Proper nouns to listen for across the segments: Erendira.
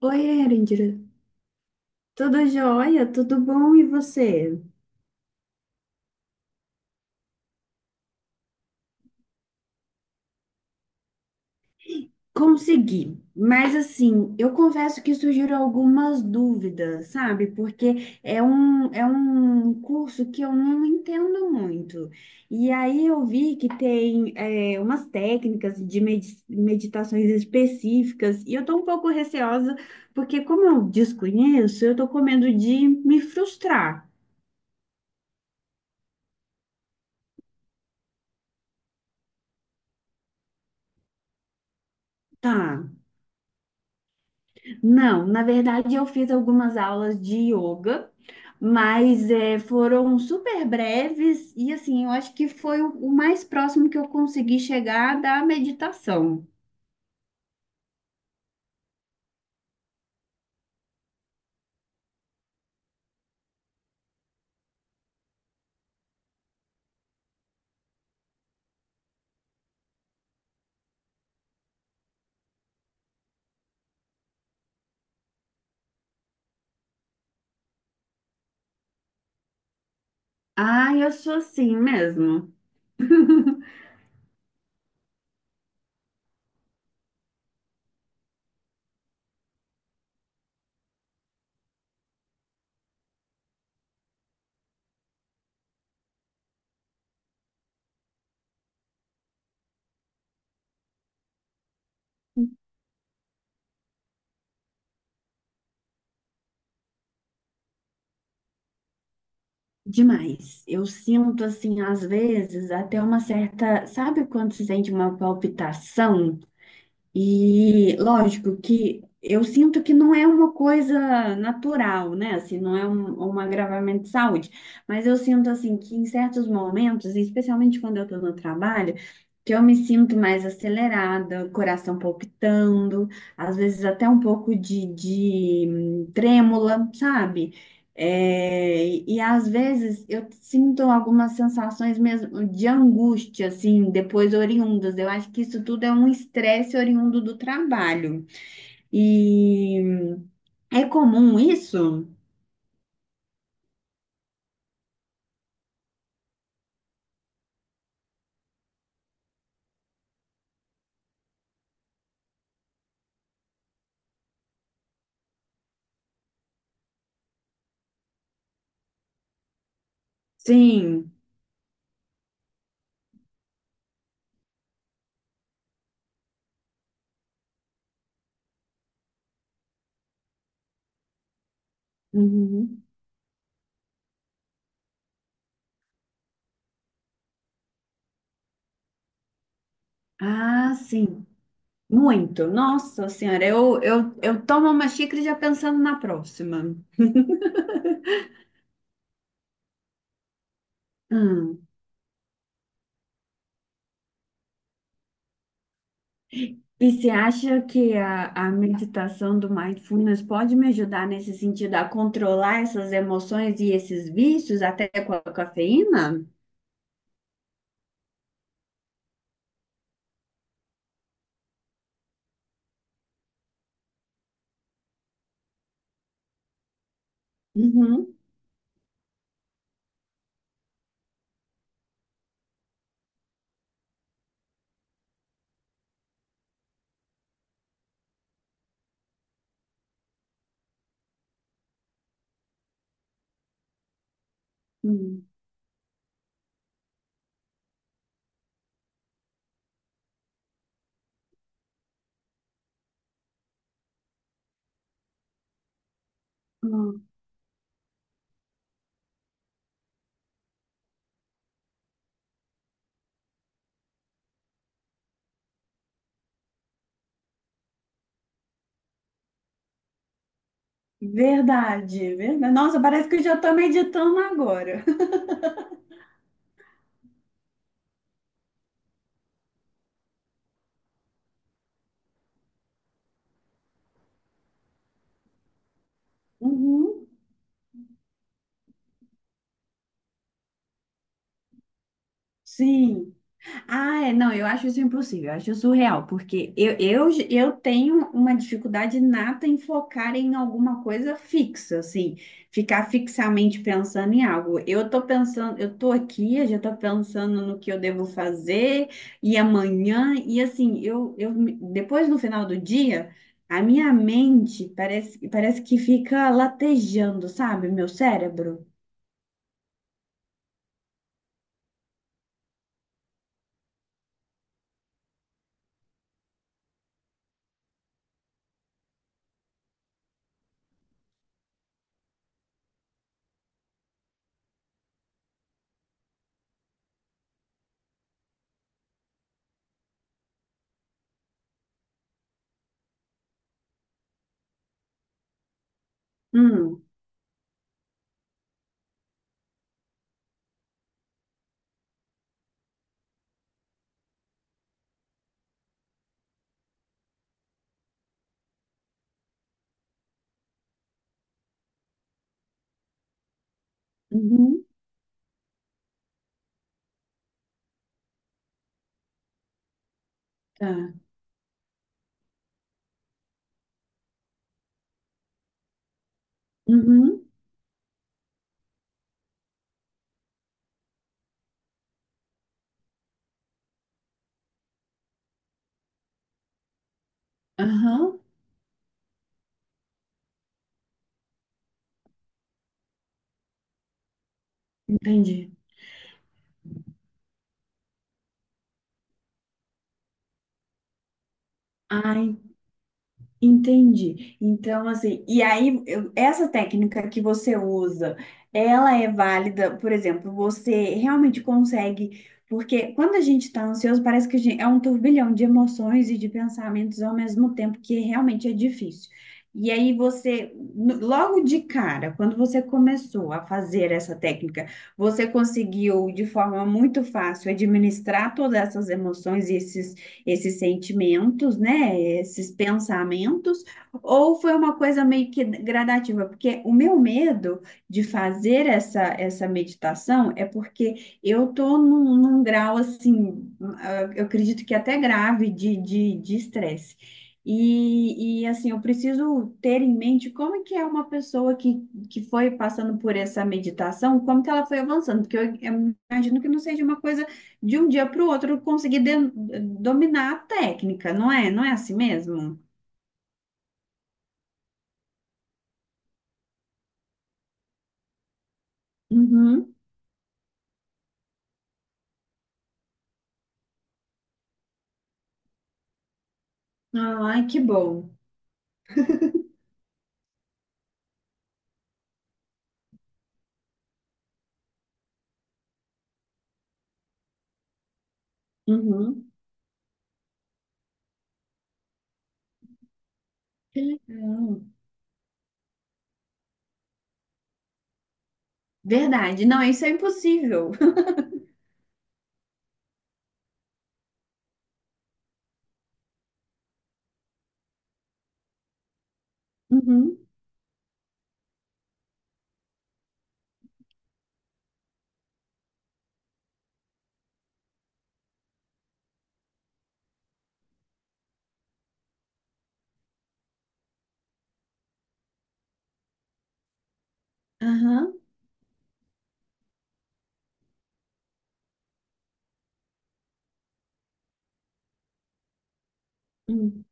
Oi, Erendira. Tudo jóia? Tudo bom? E você? Consegui. Mas assim, eu confesso que surgiram algumas dúvidas, sabe? Porque é um curso que eu não entendo muito. E aí eu vi que tem umas técnicas de meditações específicas, e eu tô um pouco receosa, porque como eu desconheço, eu tô com medo de me frustrar. Tá. Não, na verdade eu fiz algumas aulas de yoga, mas foram super breves e assim, eu acho que foi o mais próximo que eu consegui chegar da meditação. Ah, eu sou assim mesmo. Demais. Eu sinto assim, às vezes, até uma certa. Sabe quando se sente uma palpitação? E lógico que eu sinto que não é uma coisa natural, né? Assim, não é um agravamento de saúde, mas eu sinto assim que em certos momentos, especialmente quando eu estou no trabalho, que eu me sinto mais acelerada, coração palpitando, às vezes até um pouco de trêmula, sabe? E às vezes eu sinto algumas sensações mesmo de angústia, assim, depois oriundas. Eu acho que isso tudo é um estresse oriundo do trabalho. E é comum isso? Sim. Uhum. Ah, sim. Muito. Nossa Senhora, eu tomo uma xícara já pensando na próxima. Hum. E você acha que a meditação do mindfulness pode me ajudar nesse sentido a controlar essas emoções e esses vícios, até com a cafeína? Uhum. Hum. Hum. Verdade, verdade. Nossa, parece que eu já estou meditando agora. Uhum. Sim. Não, eu acho isso impossível, eu acho surreal, porque eu tenho uma dificuldade nata em focar em alguma coisa fixa, assim, ficar fixamente pensando em algo. Eu tô pensando, eu tô aqui, eu já tô pensando no que eu devo fazer, e amanhã, e assim, depois no final do dia, a minha mente parece que fica latejando, sabe, meu cérebro? Hum. Uhum. Tá. Uhum. Aham. Entendi. Ah, en- entendi. Então, assim, e aí, essa técnica que você usa, ela é válida, por exemplo, você realmente consegue, porque quando a gente está ansioso, parece que a gente, é um turbilhão de emoções e de pensamentos ao mesmo tempo, que realmente é difícil. E aí você, logo de cara, quando você começou a fazer essa técnica, você conseguiu de forma muito fácil administrar todas essas emoções esses sentimentos, né, esses pensamentos, ou foi uma coisa meio que gradativa? Porque o meu medo de fazer essa meditação é porque eu tô num grau assim, ah, eu acredito que até grave de estresse. E assim, eu preciso ter em mente como é que é uma pessoa que foi passando por essa meditação, como que ela foi avançando, porque eu imagino que não seja uma coisa de um dia para o outro conseguir dominar a técnica, não é? Não é assim mesmo? Uhum. Ai, que bom. Uhum. Que legal. Verdade. Não, isso é impossível. Uhum. Aham. Hum.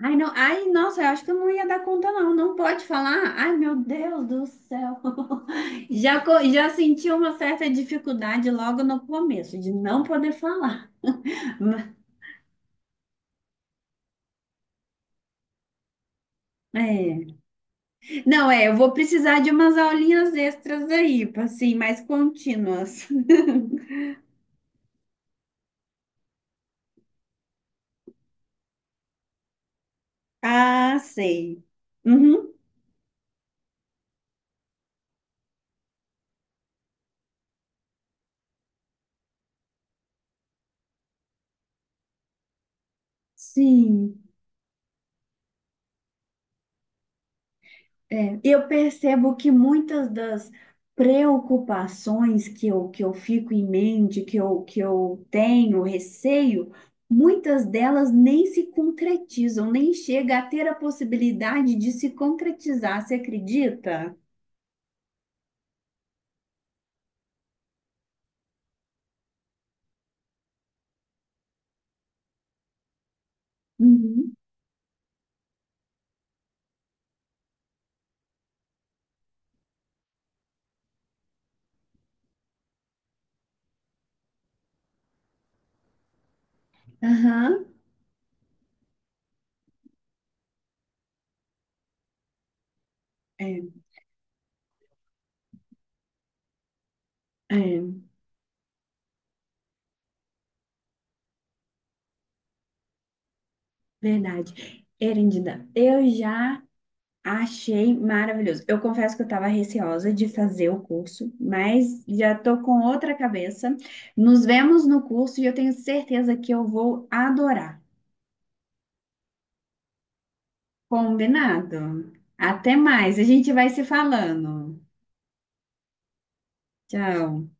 Ai, não. Ai, nossa, eu acho que eu não ia dar conta, não. Não pode falar. Ai, meu Deus do céu. Já, já senti uma certa dificuldade logo no começo de não poder falar. Ma- É. Não, é, eu vou precisar de umas aulinhas extras aí, assim, mais contínuas. Ah, sei. Uhum. Sim. É. Eu percebo que muitas das preocupações que eu fico em mente, que eu tenho, receio, muitas delas nem se concretizam, nem chega a ter a possibilidade de se concretizar, você acredita? Uhum. Aham. É, é, verdade. Erendida, eu já achei maravilhoso. Eu confesso que eu estava receosa de fazer o curso, mas já estou com outra cabeça. Nos vemos no curso e eu tenho certeza que eu vou adorar. Combinado? Até mais, a gente vai se falando. Tchau.